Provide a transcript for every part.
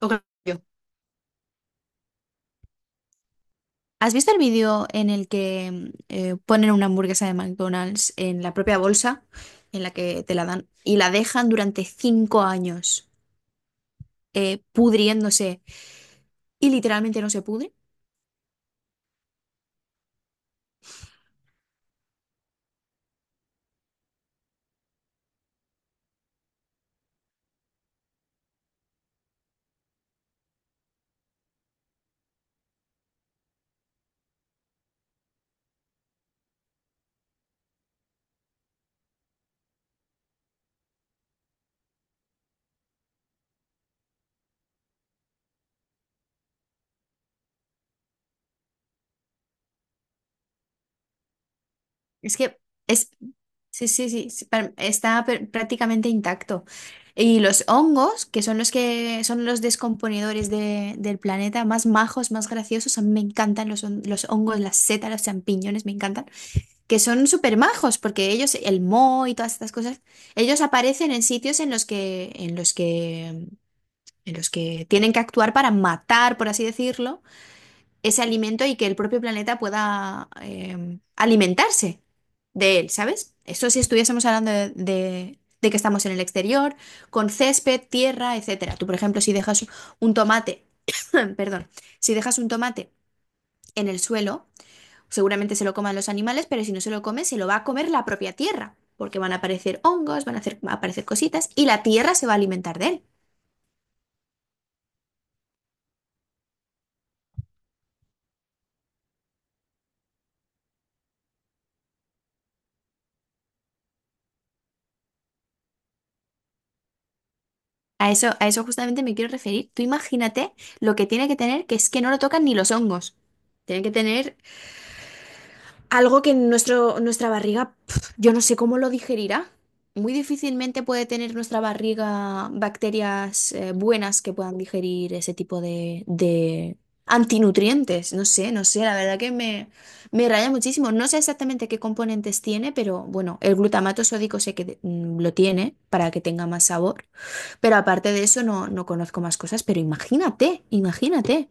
Ok, yo. ¿Has visto el vídeo en el que ponen una hamburguesa de McDonald's en la propia bolsa en la que te la dan y la dejan durante cinco años, pudriéndose y literalmente no se pudre? Es que es... Sí, sí, sí, sí, está prácticamente intacto. Y los hongos, que son los descomponedores del planeta, más majos, más graciosos, a mí me encantan los hongos, las setas, los champiñones, me encantan, que son súper majos. Porque ellos, el Mo y todas estas cosas, ellos aparecen en sitios en los que, en los que, en los que tienen que actuar para matar, por así decirlo, ese alimento y que el propio planeta pueda alimentarse de él, ¿sabes? Eso si estuviésemos hablando de, de que estamos en el exterior, con césped, tierra, etcétera. Tú, por ejemplo, si dejas un tomate, perdón, si dejas un tomate en el suelo, seguramente se lo coman los animales, pero si no se lo come, se lo va a comer la propia tierra, porque van a aparecer hongos, van a aparecer cositas y la tierra se va a alimentar de él. A eso justamente me quiero referir. Tú imagínate lo que tiene que tener, que es que no lo tocan ni los hongos. Tienen que tener algo que nuestro, nuestra barriga, pf, yo no sé cómo lo digerirá. Muy difícilmente puede tener nuestra barriga bacterias buenas que puedan digerir ese tipo de antinutrientes. No sé, no sé, la verdad que me raya muchísimo. No sé exactamente qué componentes tiene, pero bueno, el glutamato sódico sé que lo tiene para que tenga más sabor. Pero aparte de eso no, no conozco más cosas, pero imagínate, imagínate.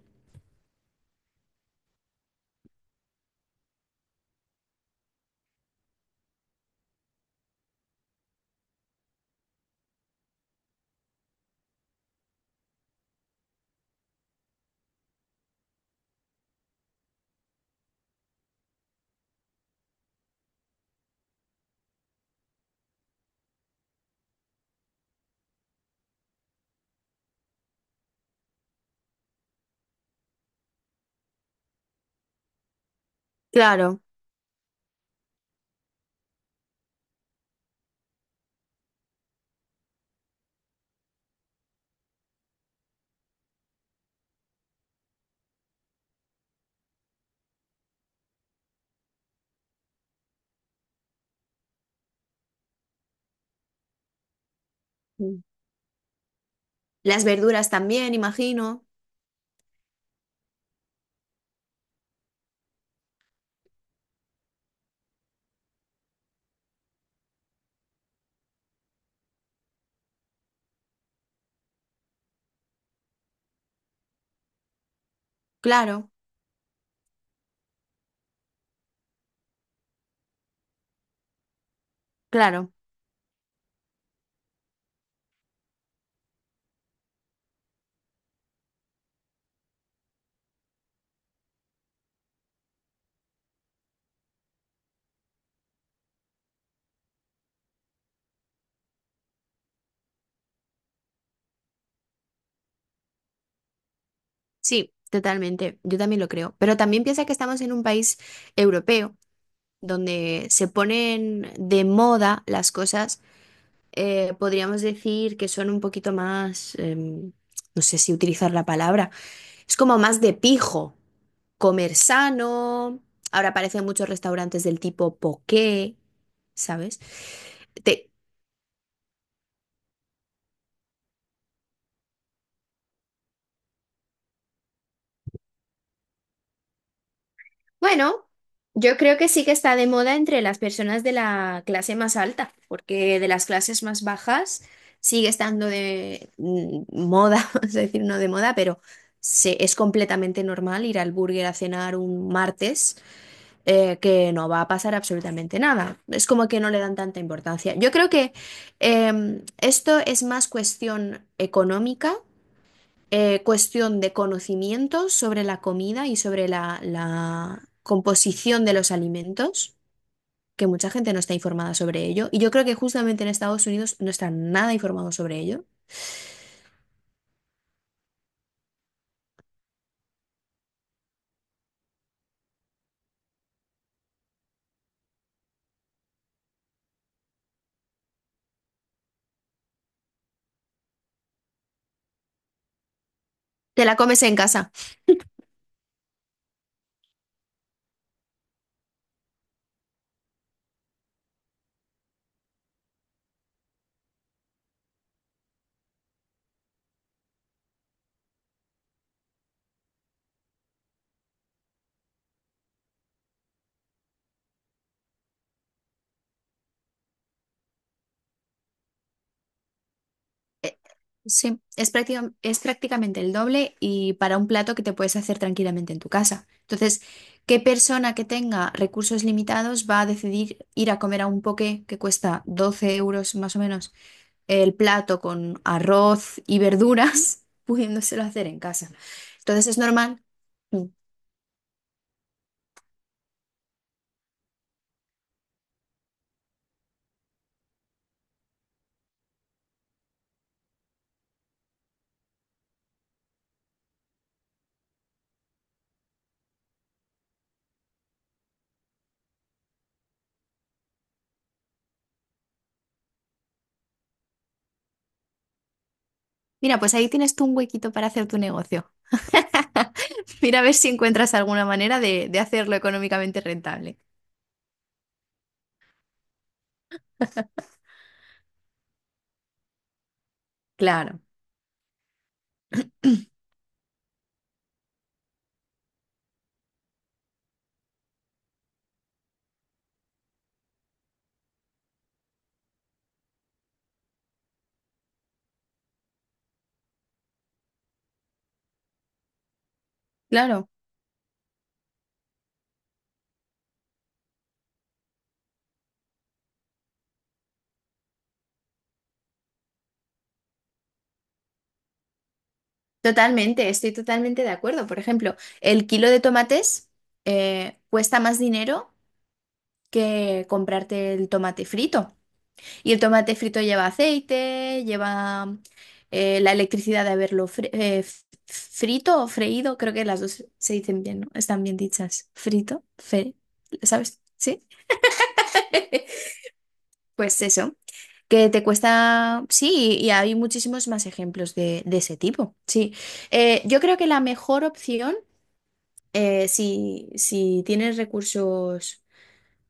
Claro. Las verduras también, imagino. Claro. Claro, sí, totalmente. Yo también lo creo. Pero también piensa que estamos en un país europeo donde se ponen de moda las cosas. Podríamos decir que son un poquito más, no sé si utilizar la palabra, es como más de pijo, comer sano. Ahora aparecen muchos restaurantes del tipo poké, ¿sabes? Te- Bueno, yo creo que sí que está de moda entre las personas de la clase más alta, porque de las clases más bajas sigue estando de moda, vamos a decir, no de moda, pero es completamente normal ir al burger a cenar un martes, que no va a pasar absolutamente nada. Es como que no le dan tanta importancia. Yo creo que esto es más cuestión económica, cuestión de conocimientos sobre la comida y sobre la, la composición de los alimentos, que mucha gente no está informada sobre ello. Y yo creo que justamente en Estados Unidos no están nada informados sobre ello. Te la comes en casa. Eh, sí, es es prácticamente el doble y para un plato que te puedes hacer tranquilamente en tu casa. Entonces, ¿qué persona que tenga recursos limitados va a decidir ir a comer a un poke que cuesta 12 euros más o menos? El plato con arroz y verduras, pudiéndoselo hacer en casa. Entonces es normal. Mm. Mira, pues ahí tienes tú un huequito para hacer tu negocio. Mira a ver si encuentras alguna manera de hacerlo económicamente rentable. Claro, claro, totalmente, estoy totalmente de acuerdo. Por ejemplo, el kilo de tomates cuesta más dinero que comprarte el tomate frito. Y el tomate frito lleva aceite, lleva la electricidad de haberlo frito o freído, creo que las dos se dicen bien, ¿no? Están bien dichas. Frito, fe, ¿sabes? Sí. Pues eso, que te cuesta, sí, y hay muchísimos más ejemplos de ese tipo, sí. Yo creo que la mejor opción, si, si tienes recursos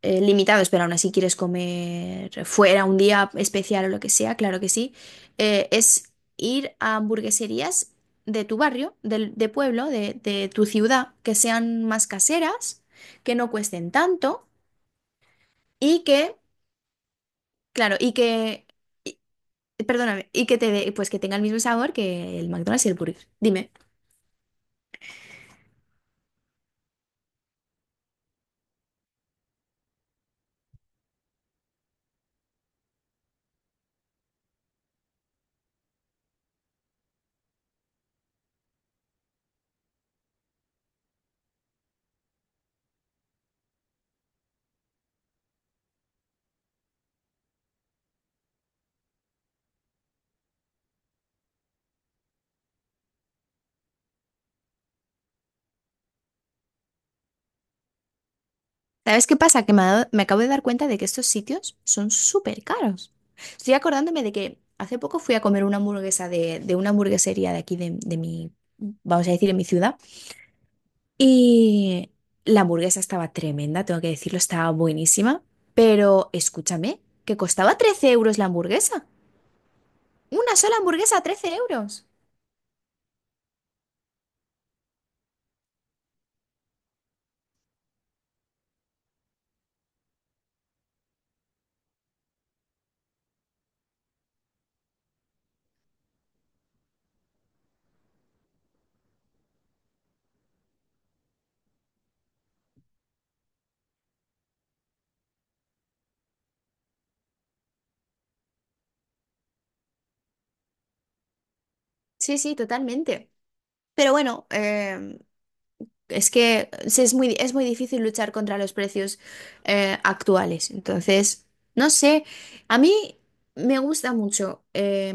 limitados, pero aún así quieres comer fuera un día especial o lo que sea, claro que sí, es ir a hamburgueserías de tu barrio, de, pueblo, de tu ciudad, que sean más caseras, que no cuesten tanto y que, claro, y que, y- perdóname, y que pues que tenga el mismo sabor que el McDonald's y el Burger. Dime. ¿Sabes qué pasa? Que me, me acabo de dar cuenta de que estos sitios son súper caros. Estoy acordándome de que hace poco fui a comer una hamburguesa de una hamburguesería de aquí de mi, vamos a decir, en mi ciudad. Y la hamburguesa estaba tremenda, tengo que decirlo, estaba buenísima. Pero escúchame, que costaba 13 euros la hamburguesa. Una sola hamburguesa a 13 euros. Sí, sí, totalmente. Pero bueno, es que sí, es muy difícil luchar contra los precios actuales. Entonces, no sé, a mí me gusta mucho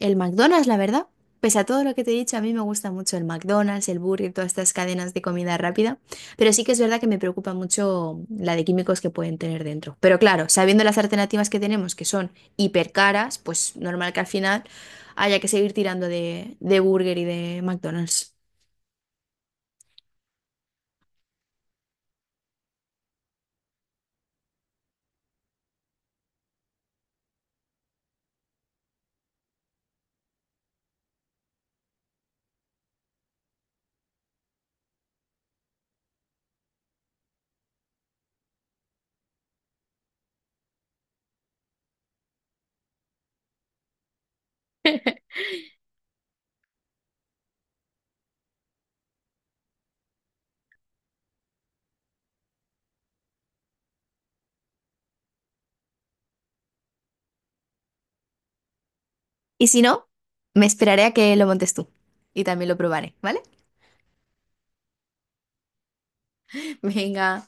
el McDonald's, la verdad. Pese a todo lo que te he dicho, a mí me gusta mucho el McDonald's, el Burger, todas estas cadenas de comida rápida. Pero sí que es verdad que me preocupa mucho la de químicos que pueden tener dentro. Pero claro, sabiendo las alternativas que tenemos, que son hiper caras, pues normal que al final haya que seguir tirando de Burger y de McDonald's. Y si no, me esperaré a que lo montes tú y también lo probaré, ¿vale? Venga,